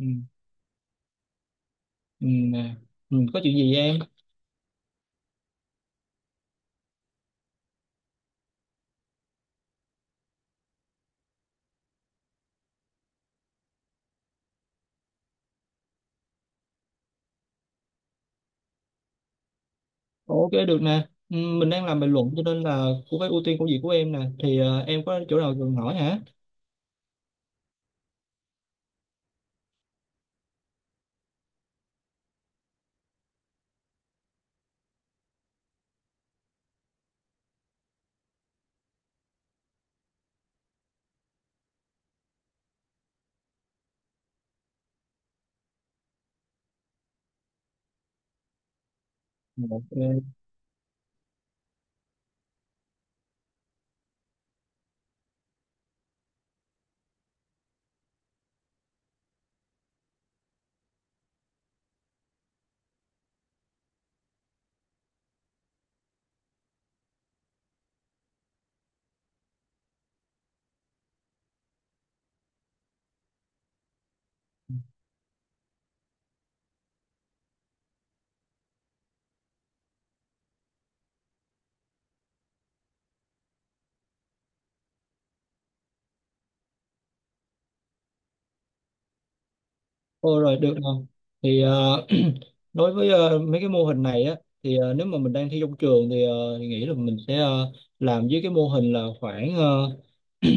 Ừ, ừ, nè. Ừ, có chuyện gì vậy em? Ok được nè. Ừ, mình đang làm bình luận cho nên là cũng phải ưu tiên công việc của em nè. Thì em có chỗ nào cần hỏi hả? Ok. Ô rồi được rồi. Thì đối với mấy cái mô hình này á thì nếu mà mình đang thi trong trường thì, thì nghĩ là mình sẽ làm với cái mô hình là khoảng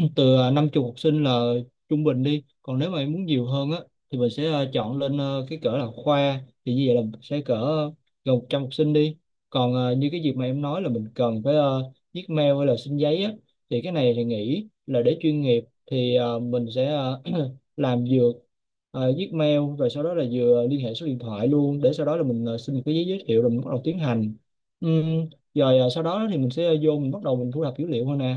từ 50 học sinh là trung bình đi. Còn nếu mà em muốn nhiều hơn á thì mình sẽ chọn lên cái cỡ là khoa, thì như vậy là sẽ cỡ gần 100 học sinh đi. Còn như cái việc mà em nói là mình cần phải viết mail hay là xin giấy á, thì cái này thì nghĩ là để chuyên nghiệp thì mình sẽ làm vừa viết mail rồi sau đó là vừa liên hệ số điện thoại luôn, để sau đó là mình xin một cái giấy giới thiệu rồi mình bắt đầu tiến hành. Rồi sau đó thì mình sẽ vô mình bắt đầu mình thu thập dữ liệu thôi nè.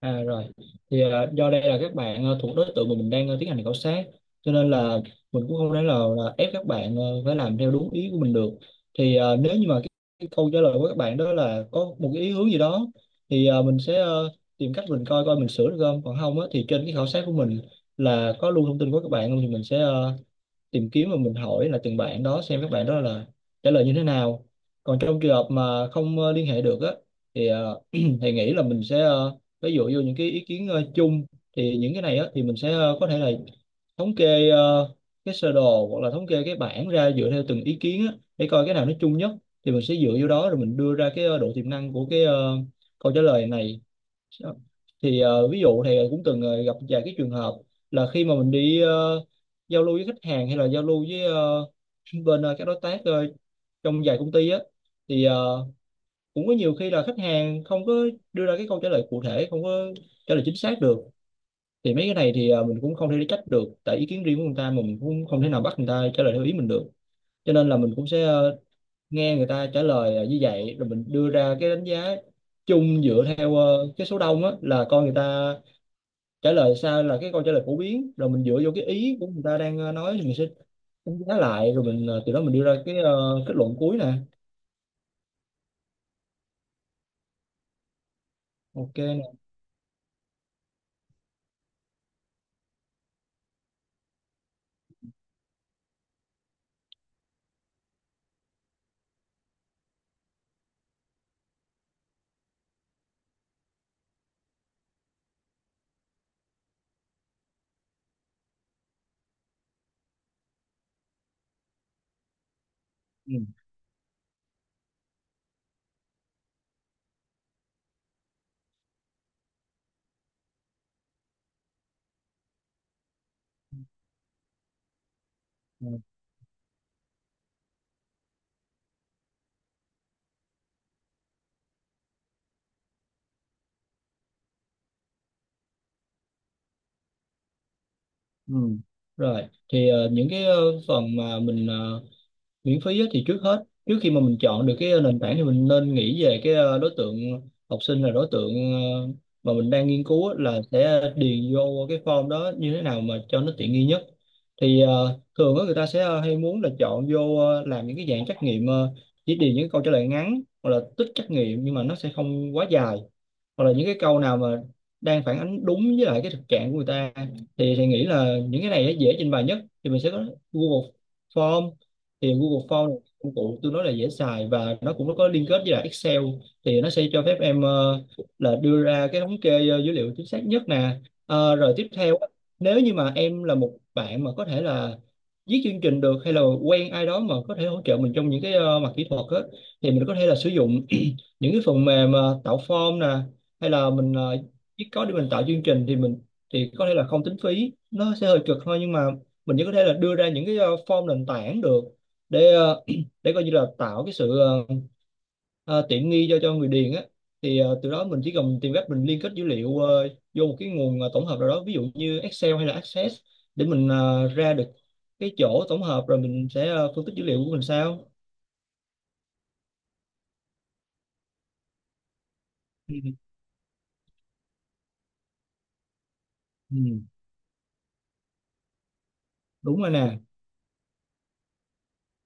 À rồi, thì do đây là các bạn thuộc đối tượng mà mình đang tiến hành khảo sát, cho nên là mình cũng không thể nào là ép các bạn phải làm theo đúng ý của mình được. Thì nếu như mà cái câu trả lời của các bạn đó là có một cái ý hướng gì đó, thì mình sẽ tìm cách mình coi coi mình sửa được không. Còn không á, thì trên cái khảo sát của mình là có lưu thông tin của các bạn không, thì mình sẽ tìm kiếm và mình hỏi là từng bạn đó xem các bạn đó là trả lời như thế nào. Còn trong trường hợp mà không liên hệ được á, thì thì nghĩ là mình sẽ ví dụ vô những cái ý kiến chung, thì những cái này á thì mình sẽ có thể là thống kê cái sơ đồ hoặc là thống kê cái bảng ra dựa theo từng ý kiến á, để coi cái nào nó chung nhất thì mình sẽ dựa vô đó rồi mình đưa ra cái độ tiềm năng của cái câu trả lời này. Thì ví dụ thì cũng từng gặp vài cái trường hợp là khi mà mình đi giao lưu với khách hàng hay là giao lưu với bên các đối tác trong dài công ty á, thì cũng có nhiều khi là khách hàng không có đưa ra cái câu trả lời cụ thể, không có trả lời chính xác được. Thì mấy cái này thì mình cũng không thể trách được tại ý kiến riêng của người ta, mà mình cũng không thể nào bắt người ta trả lời theo ý mình được, cho nên là mình cũng sẽ nghe người ta trả lời như vậy rồi mình đưa ra cái đánh giá chung dựa theo cái số đông á là coi người ta trả lời sao là cái câu trả lời phổ biến, rồi mình dựa vô cái ý của người ta đang nói thì mình sẽ đánh giá lại, rồi mình từ đó mình đưa ra cái kết luận cuối nè. Ok nè. Ừ. Ừ. Ừ. Rồi, thì những cái phần mà mình miễn phí á, thì trước hết trước khi mà mình chọn được cái nền tảng thì mình nên nghĩ về cái đối tượng học sinh là đối tượng mà mình đang nghiên cứu á, là sẽ điền vô cái form đó như thế nào mà cho nó tiện nghi nhất. Thì thường á, người ta sẽ hay muốn là chọn vô làm những cái dạng trắc nghiệm, chỉ điền những câu trả lời ngắn hoặc là tích trắc nghiệm nhưng mà nó sẽ không quá dài, hoặc là những cái câu nào mà đang phản ánh đúng với lại cái thực trạng của người ta, thì nghĩ là những cái này nó dễ trình bày nhất. Thì mình sẽ có Google Form. Thì Google Form là công cụ tôi nói là dễ xài và nó cũng có liên kết với lại Excel, thì nó sẽ cho phép em là đưa ra cái thống kê dữ liệu chính xác nhất nè. Rồi tiếp theo á, nếu như mà em là một bạn mà có thể là viết chương trình được hay là quen ai đó mà có thể hỗ trợ mình trong những cái mặt kỹ thuật á, thì mình có thể là sử dụng những cái phần mềm tạo form nè, hay là mình chỉ có để mình tạo chương trình thì mình thì có thể là không tính phí, nó sẽ hơi cực thôi nhưng mà mình vẫn có thể là đưa ra những cái form nền tảng được, để để coi như là tạo cái sự tiện nghi cho người điền á. Thì từ đó mình chỉ cần tìm cách mình liên kết dữ liệu vô một cái nguồn tổng hợp nào đó, ví dụ như Excel hay là Access, để mình ra được cái chỗ tổng hợp rồi mình sẽ phân tích dữ liệu của mình sao. Ừ. Ừ. Đúng rồi nè.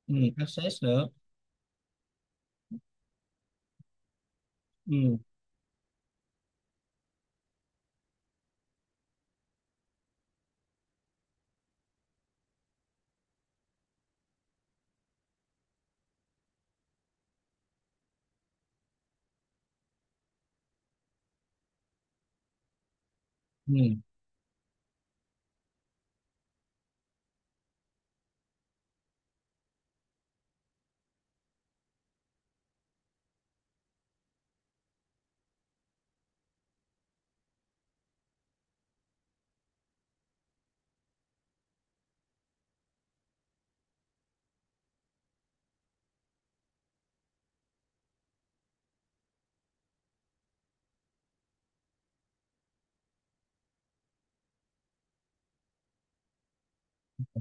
Ừ. Access nữa. Ừ. Ừ.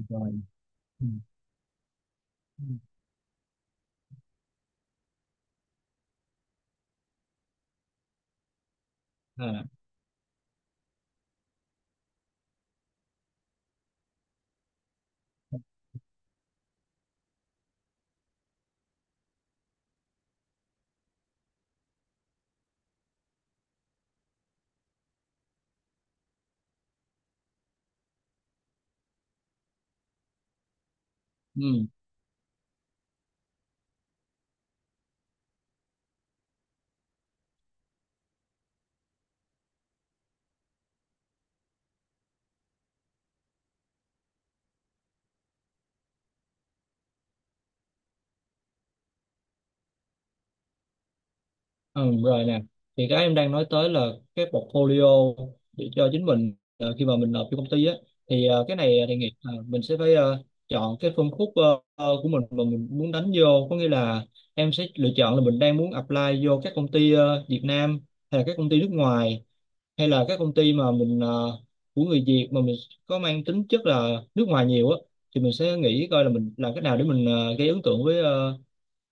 Rồi. Ừ. Ừ. À. Ừ, ừ rồi nè, thì cái em đang nói tới là cái portfolio để cho chính mình khi mà mình nộp cho công ty á, thì cái này thì nghĩ là mình sẽ phải chọn cái phân khúc của mình mà mình muốn đánh vô, có nghĩa là em sẽ lựa chọn là mình đang muốn apply vô các công ty Việt Nam hay là các công ty nước ngoài, hay là các công ty mà mình của người Việt mà mình có mang tính chất là nước ngoài nhiều á. Thì mình sẽ nghĩ coi là mình làm cách nào để mình gây ấn tượng với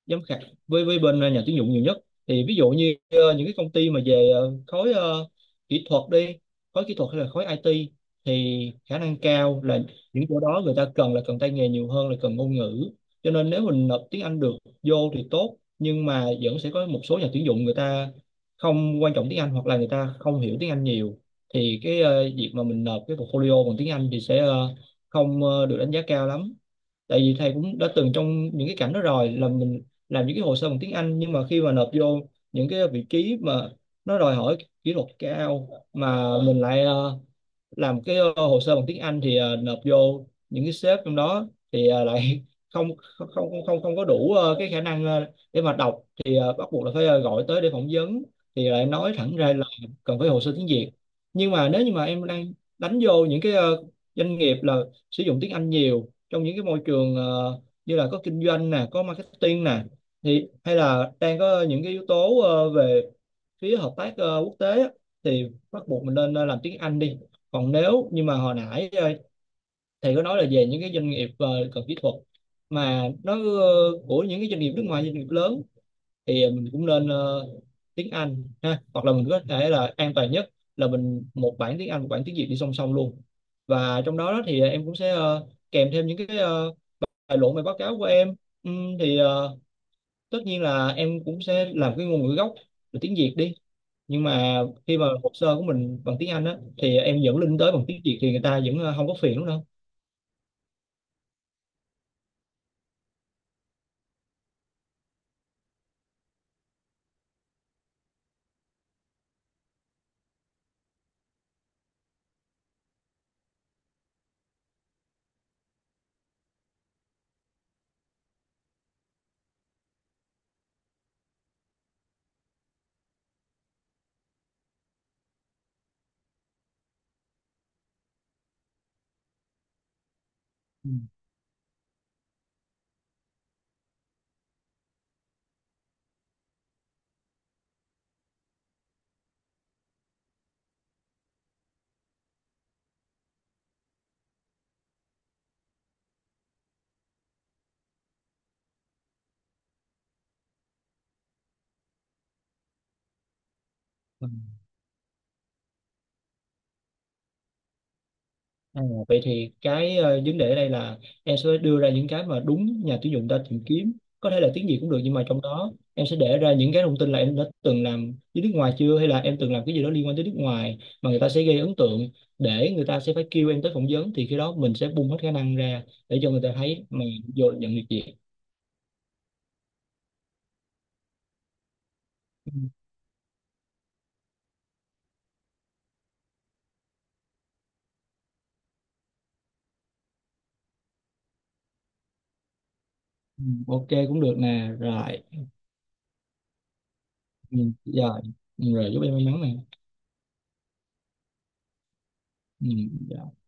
giám khảo, với bên nhà tuyển dụng nhiều nhất. Thì ví dụ như những cái công ty mà về khối kỹ thuật đi, khối kỹ thuật hay là khối IT, thì khả năng cao là những chỗ đó người ta cần là cần tay nghề nhiều hơn là cần ngôn ngữ, cho nên nếu mình nộp tiếng Anh được vô thì tốt, nhưng mà vẫn sẽ có một số nhà tuyển dụng người ta không quan trọng tiếng Anh hoặc là người ta không hiểu tiếng Anh nhiều, thì cái việc mà mình nộp cái portfolio bằng tiếng Anh thì sẽ không được đánh giá cao lắm. Tại vì thầy cũng đã từng trong những cái cảnh đó rồi, là mình làm những cái hồ sơ bằng tiếng Anh nhưng mà khi mà nộp vô những cái vị trí mà nó đòi hỏi kỹ thuật cao, mà mình lại làm cái hồ sơ bằng tiếng Anh thì nộp vô những cái sếp trong đó thì lại không không không không không có đủ cái khả năng để mà đọc, thì bắt buộc là phải gọi tới để phỏng vấn, thì lại nói thẳng ra là cần phải hồ sơ tiếng Việt. Nhưng mà nếu như mà em đang đánh vô những cái doanh nghiệp là sử dụng tiếng Anh nhiều trong những cái môi trường như là có kinh doanh nè, có marketing nè, thì hay là đang có những cái yếu tố về phía hợp tác quốc tế, thì bắt buộc mình nên làm tiếng Anh đi. Còn nếu nhưng mà hồi nãy thầy có nói là về những cái doanh nghiệp cần kỹ thuật mà nó của những cái doanh nghiệp nước ngoài, doanh nghiệp lớn, thì mình cũng nên tiếng Anh ha, hoặc là mình có thể là an toàn nhất là mình một bản tiếng Anh, một bản tiếng Việt đi song song luôn, và trong đó đó thì em cũng sẽ kèm thêm những cái tài liệu bài báo cáo của em. Thì tất nhiên là em cũng sẽ làm cái ngôn ngữ gốc là tiếng Việt đi, nhưng mà khi mà hồ sơ của mình bằng tiếng Anh á, thì em dẫn link tới bằng tiếng Việt thì người ta vẫn không có phiền đúng không. Ừ. Ừ. À, vậy thì cái vấn đề ở đây là em sẽ đưa ra những cái mà đúng nhà tuyển dụng ta tìm kiếm, có thể là tiếng Việt cũng được, nhưng mà trong đó em sẽ để ra những cái thông tin là em đã từng làm với nước ngoài chưa, hay là em từng làm cái gì đó liên quan tới nước ngoài, mà người ta sẽ gây ấn tượng để người ta sẽ phải kêu em tới phỏng vấn, thì khi đó mình sẽ bung hết khả năng ra để cho người ta thấy mà vô nhận được việc. Ừ, ừ, ok cũng được nè rồi. Ừ, rồi. Rồi, chúc em may mắn này. Ừ, dạ.